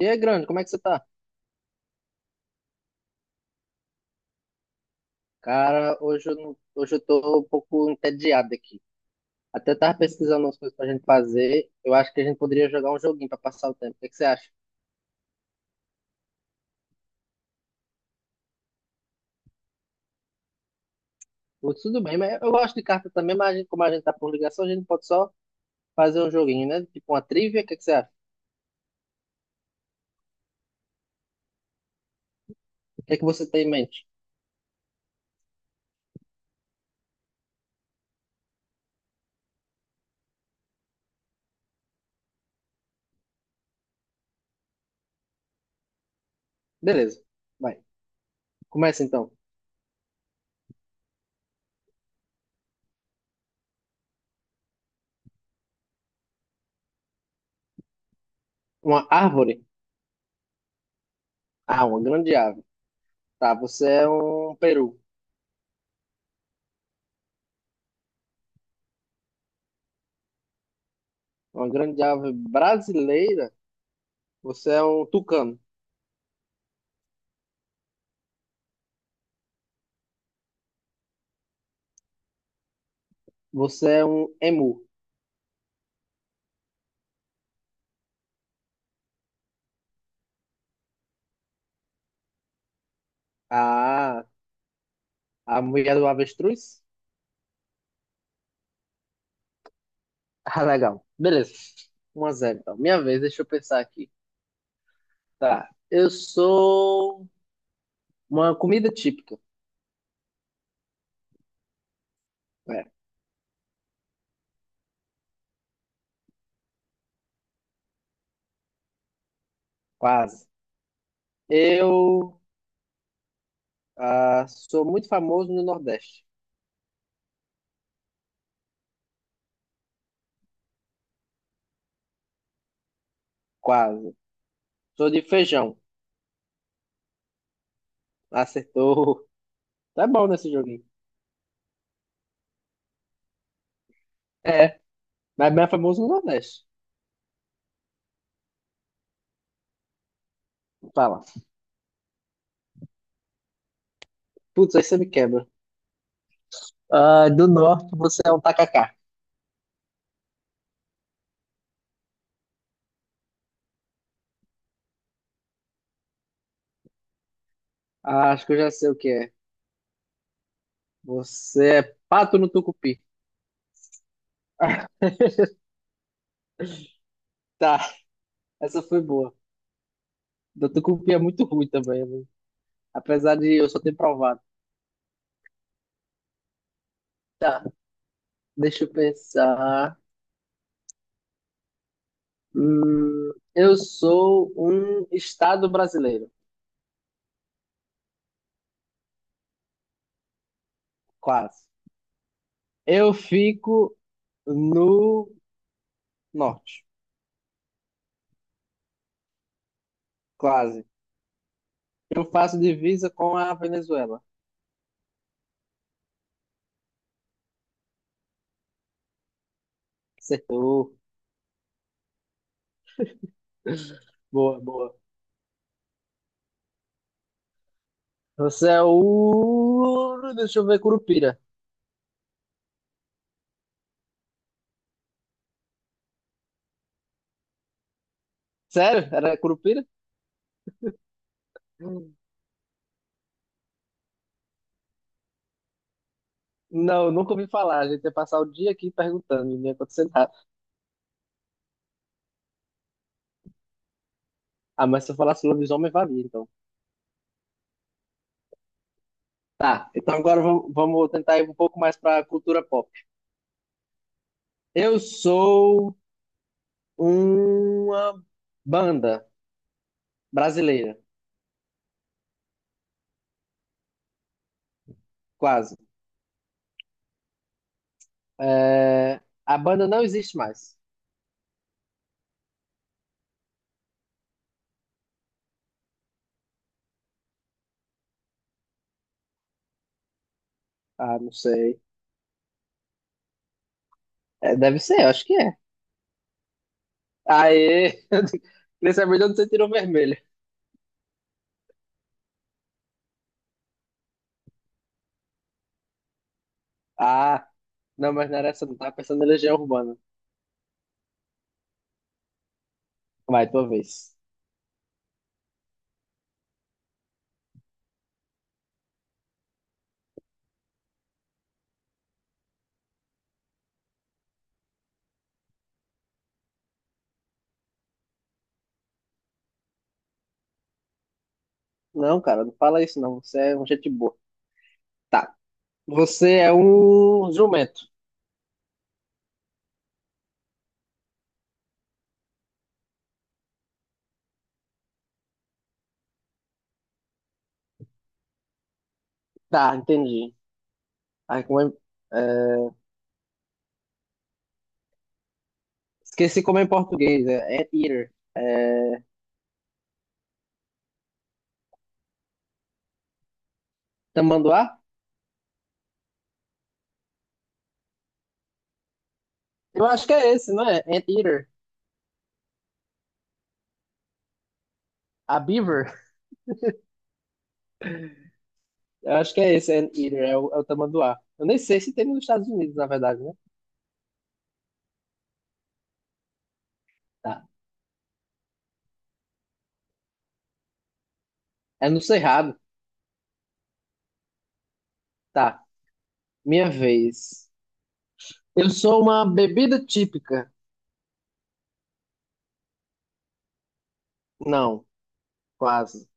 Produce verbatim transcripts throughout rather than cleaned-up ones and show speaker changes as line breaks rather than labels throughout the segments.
E aí, grande, como é que você tá? Cara, hoje eu, não- hoje eu tô um pouco entediado aqui. Até tava pesquisando umas coisas pra gente fazer. Eu acho que a gente poderia jogar um joguinho pra passar o tempo. O que é que você acha? Pô, tudo bem, mas eu gosto de carta também, mas a gente, como a gente tá por ligação, a gente pode só fazer um joguinho, né? Tipo uma trivia, o que é que você acha? O que é que você tem em mente? Beleza, vai. Começa então. Uma árvore? Ah, uma grande ave. Tá, você é um peru. Uma grande ave brasileira? Você é um tucano. Você é um emu. Ah, a mulher do avestruz? Ah, legal. Beleza. Um a zero, então. Minha vez, deixa eu pensar aqui. Tá. Eu sou uma comida típica. É, quase. Eu ah, sou muito famoso no Nordeste. Quase. Sou de feijão. Acertou. Tá bom nesse joguinho. É, mas bem famoso no Nordeste. Fala. Putz, aí você me quebra. Ah, do Norte, você é um tacacá. Ah, acho que eu já sei o que é. Você é pato no tucupi. Tá, essa foi boa. Da tucupi é muito ruim também, né? Apesar de eu só ter provado. Tá, deixa eu pensar. Hum, eu sou um estado brasileiro, quase. Eu fico no norte, quase. Eu faço divisa com a Venezuela. Acertou. Boa, boa. Você é o. Deixa eu ver, Curupira. Sério? Era Curupira? Hum. Não, nunca ouvi falar. A gente ia passar o dia aqui perguntando, e não ia acontecer nada. Ah, mas se eu falasse lobisomem, valia, então. Tá, então agora vam- vamos tentar ir um pouco mais para a cultura pop. Eu sou uma banda brasileira, quase. É, a banda não existe mais. Ah, não sei. É, deve ser, eu acho que é. Aê! Queria saber de onde você tirou vermelho. Ah, não, mas não era essa, não. Tava pensando em Legião Urbana. Vai, tua vez. Não, cara, não fala isso, não. Você é um gente boa. Tá, você é um jumento. Tá, entendi. Ai, como é, é, esqueci como é em português, é Anteater. É, tamanduá? Eu acho que é esse, não é? Anteater. A Beaver? Eu acho que é esse, Anteater, é o, é o tamanduá. Eu nem sei se tem nos Estados Unidos, na verdade, né? Tá. É no Cerrado. Tá. Minha vez. Eu sou uma bebida típica. Não, quase.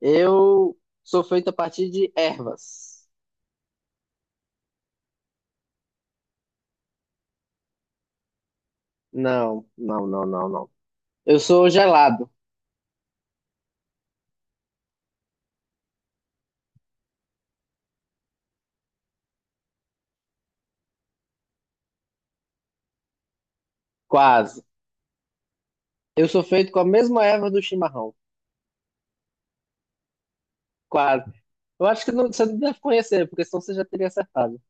Eu sou feito a partir de ervas. Não, não, não, não, não. Eu sou gelado. Quase. Eu sou feito com a mesma erva do chimarrão. Quase. Eu acho que não, você não deve conhecer, porque senão você já teria acertado.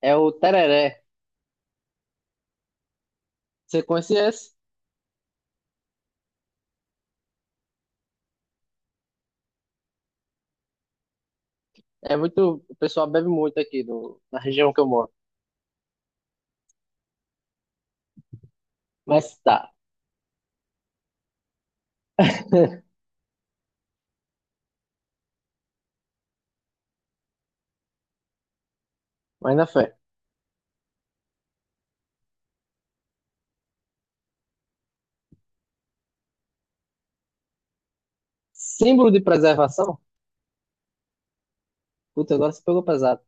É o tereré. Você conhece esse? É muito. O pessoal bebe muito aqui no, na região que eu moro. Mas tá. Mas na fé. Símbolo de preservação? Puta, agora você pegou pesado.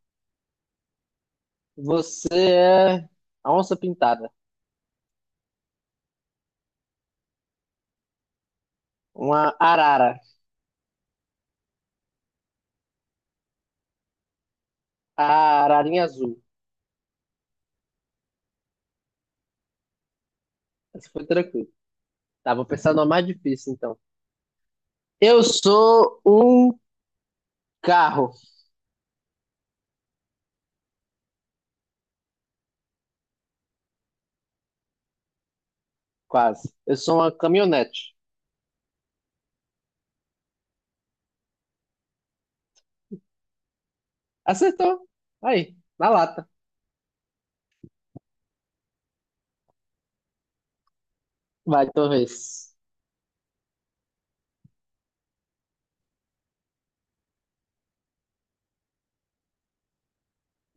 Você é a onça pintada. Uma arara. A ararinha azul. Essa foi tranquilo. Tá, vou pensar numa mais difícil, então. Eu sou um carro. Quase. Eu sou uma caminhonete. Acertou. Aí, na lata. Vai, tua.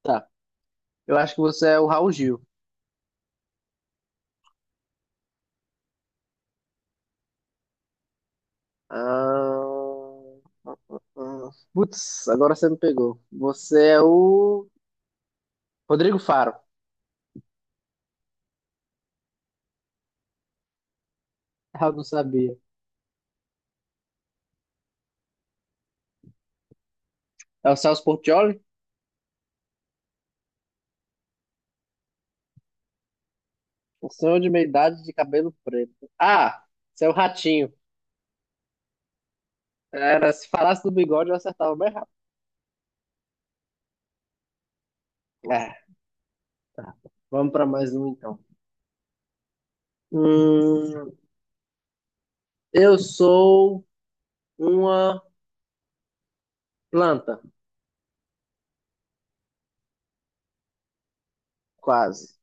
Tá. Eu acho que você é o Raul Gil. Ah, ah, putz, agora você me pegou. Você é o Rodrigo Faro. Ah, eu não sabia. É o Celso Portiolli? Um senhor de meia idade de cabelo preto. Ah, você é o Ratinho. Era, se falasse do bigode, eu acertava bem rápido. É, vamos para mais um então. Hum, eu sou uma planta, quase.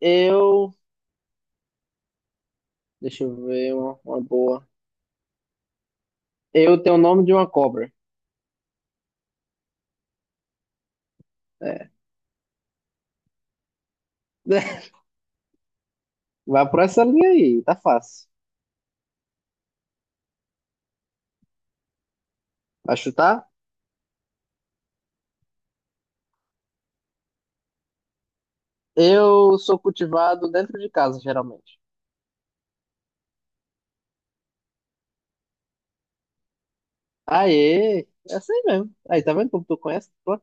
Eu. Deixa eu ver uma, uma boa. Eu tenho o nome de uma cobra. É, vai por essa linha aí, tá fácil. Vai chutar? Eu sou cultivado dentro de casa, geralmente. Aê, é assim mesmo. Aí, tá vendo como tu conhece? Pô,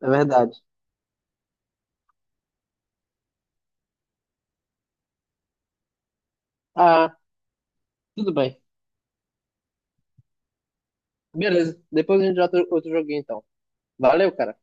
é verdade. Ah, tudo bem. Beleza, depois a gente joga outro outro joguinho então. Valeu, cara.